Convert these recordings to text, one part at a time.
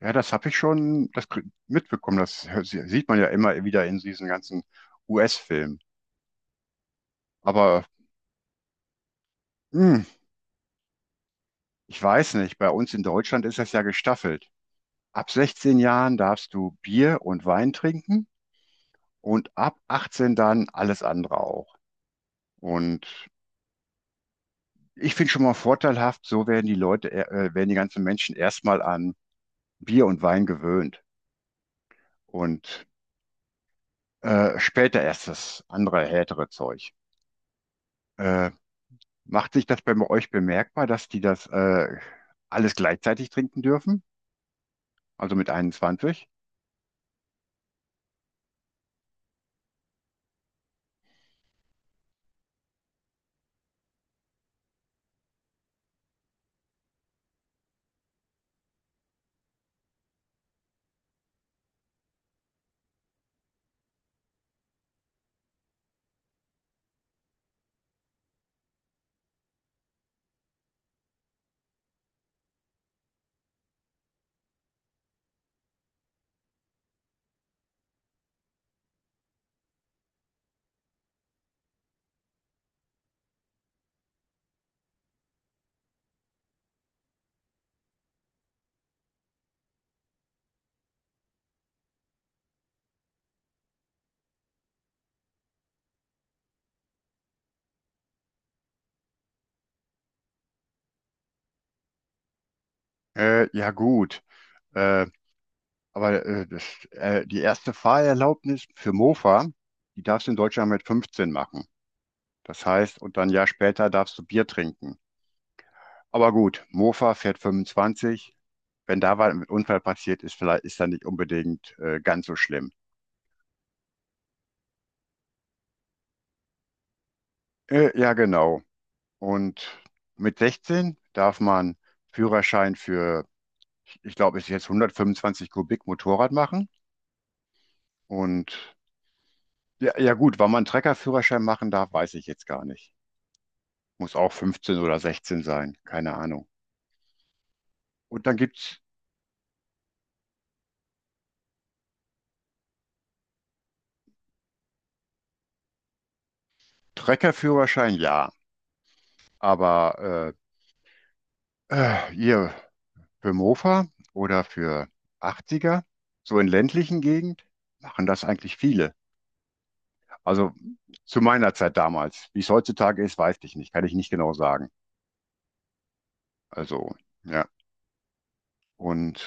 Ja, das habe ich schon mitbekommen. Sieht man ja immer wieder in diesen ganzen US-Filmen. Aber hm, ich weiß nicht, bei uns in Deutschland ist das ja gestaffelt. Ab 16 Jahren darfst du Bier und Wein trinken und ab 18 dann alles andere auch. Und ich finde schon mal vorteilhaft, so werden werden die ganzen Menschen erstmal an Bier und Wein gewöhnt und später erst das andere härtere Zeug. Äh, Macht sich das bei euch bemerkbar, dass die das alles gleichzeitig trinken dürfen? Also mit 21? Ja gut, äh, aber die erste Fahrerlaubnis für Mofa, die darfst du in Deutschland mit 15 machen. Das heißt, und dann ein Jahr später darfst du Bier trinken. Aber gut, Mofa fährt 25. Wenn da was mit Unfall passiert ist, vielleicht ist dann nicht unbedingt ganz so schlimm. Ja genau. Und mit 16 darf man Führerschein für, ich glaube, ich jetzt 125 Kubik Motorrad machen. Und ja, ja gut, wann man einen Treckerführerschein machen darf, weiß ich jetzt gar nicht. Muss auch 15 oder 16 sein, keine Ahnung. Und dann gibt's Treckerführerschein, ja. Aber hier für Mofa oder für 80er, so in ländlichen Gegend, machen das eigentlich viele. Also zu meiner Zeit damals. Wie es heutzutage ist, weiß ich nicht. Kann ich nicht genau sagen. Also, ja. Und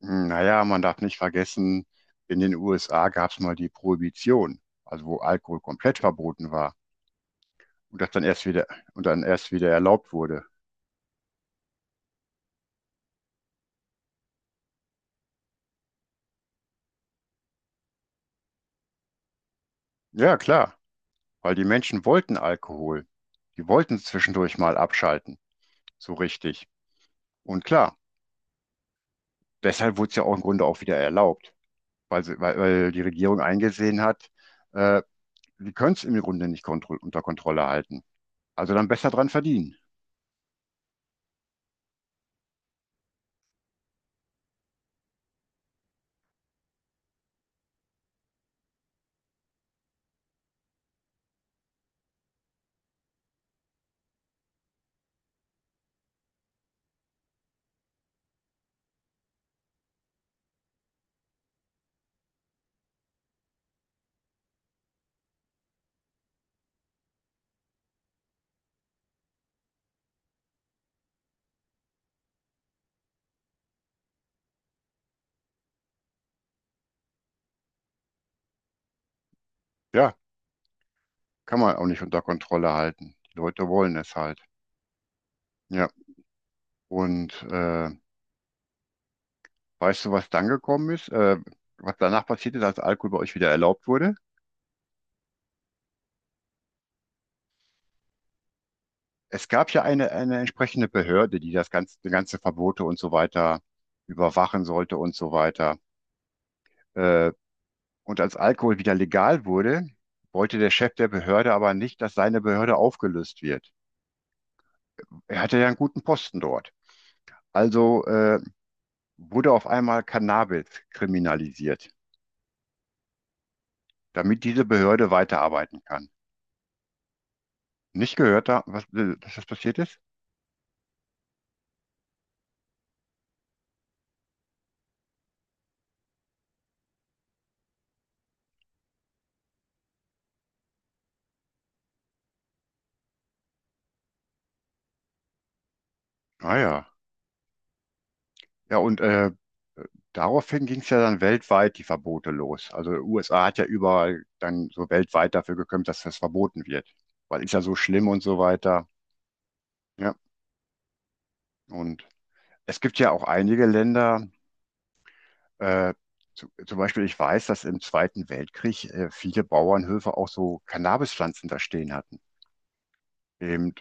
naja, man darf nicht vergessen, in den USA gab es mal die Prohibition, also wo Alkohol komplett verboten war und das dann erst wieder und dann erst wieder erlaubt wurde. Ja, klar, weil die Menschen wollten Alkohol. Die wollten zwischendurch mal abschalten, so richtig. Und klar, deshalb wurde es ja auch im Grunde auch wieder erlaubt, weil die Regierung eingesehen hat, äh, die können es im Grunde nicht kontro unter Kontrolle halten. Also dann besser dran verdienen. Ja, kann man auch nicht unter Kontrolle halten. Die Leute wollen es halt. Ja. Und weißt du, was dann gekommen ist? Was danach passiert ist, als Alkohol bei euch wieder erlaubt wurde? Es gab ja eine entsprechende Behörde, die die ganze Verbote und so weiter überwachen sollte und so weiter. Äh, und als Alkohol wieder legal wurde, wollte der Chef der Behörde aber nicht, dass seine Behörde aufgelöst wird. Er hatte ja einen guten Posten dort. Also wurde auf einmal Cannabis kriminalisiert, damit diese Behörde weiterarbeiten kann. Nicht gehört, dass das passiert ist? Ah ja. Ja, und daraufhin ging es ja dann weltweit die Verbote los. Also USA hat ja überall dann so weltweit dafür gekämpft, dass das verboten wird, weil ist ja so schlimm und so weiter. Ja, und es gibt ja auch einige Länder, äh, zum Beispiel ich weiß, dass im Zweiten Weltkrieg viele Bauernhöfe auch so Cannabispflanzen da stehen hatten. Eben,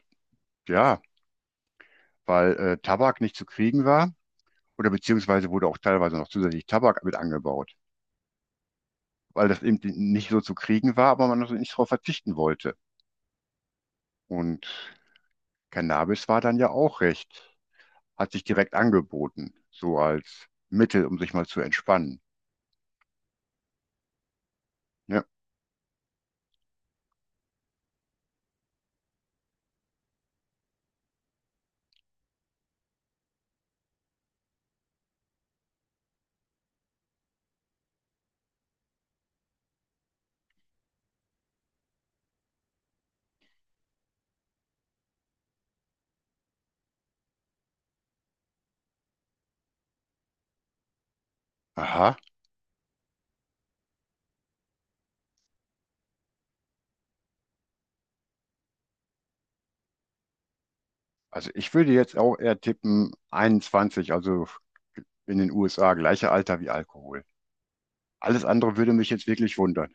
ja, weil Tabak nicht zu kriegen war oder beziehungsweise wurde auch teilweise noch zusätzlich Tabak mit angebaut, weil das eben nicht so zu kriegen war, aber man also nicht darauf verzichten wollte. Und Cannabis war dann ja auch recht, hat sich direkt angeboten, so als Mittel, um sich mal zu entspannen. Ja. Aha, also ich würde jetzt auch eher tippen 21, also in den USA, gleiche Alter wie Alkohol. Alles andere würde mich jetzt wirklich wundern.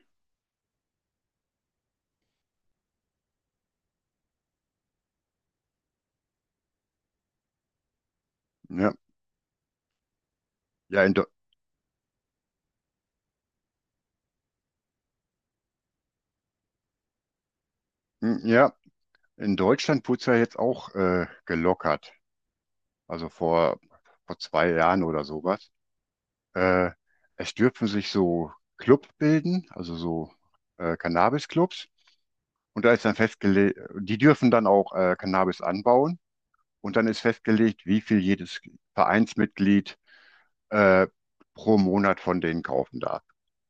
Ja, ja, hm, ja, in Deutschland wurde es ja jetzt auch gelockert, also vor 2 Jahren oder sowas. Äh, es dürfen sich so Club bilden, also so Cannabis-Clubs. Und da ist dann festgelegt, die dürfen dann auch Cannabis anbauen. Und dann ist festgelegt, wie viel jedes Vereinsmitglied äh, pro Monat von denen kaufen darf.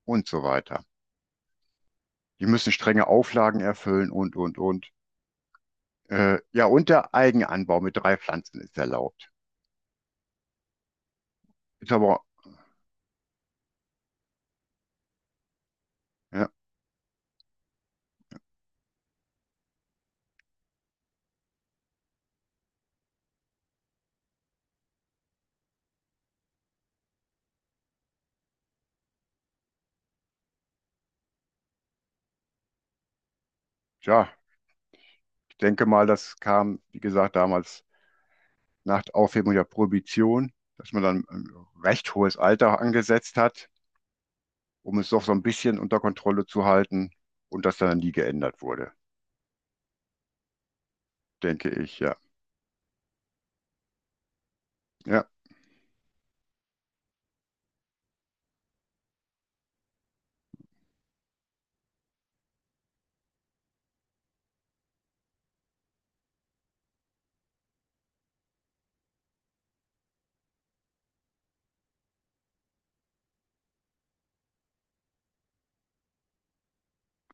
Und so weiter. Die müssen strenge Auflagen erfüllen und, und. Ja, und der Eigenanbau mit drei Pflanzen ist erlaubt. Ist aber, ja, tja, ich denke mal, das kam, wie gesagt, damals nach Aufhebung der Prohibition, dass man dann ein recht hohes Alter angesetzt hat, um es doch so ein bisschen unter Kontrolle zu halten und das dann nie geändert wurde, denke ich, ja. Ja,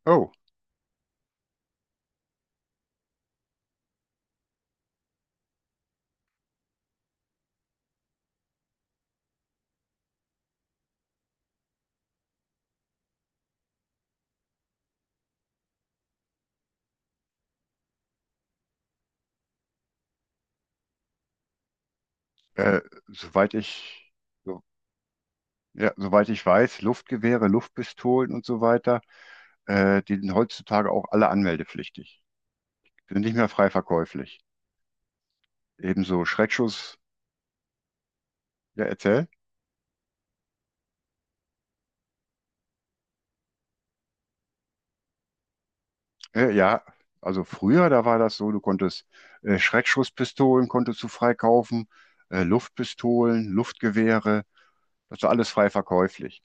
oh, äh, soweit ich, so, ja, soweit ich weiß, Luftgewehre, Luftpistolen und so weiter, die sind heutzutage auch alle anmeldepflichtig, sind nicht mehr frei verkäuflich. Ebenso Schreckschuss, ja, erzähl. Ja, also früher, da war das so, du konntest Schreckschusspistolen konntest du freikaufen, Luftpistolen, Luftgewehre, das war alles frei verkäuflich.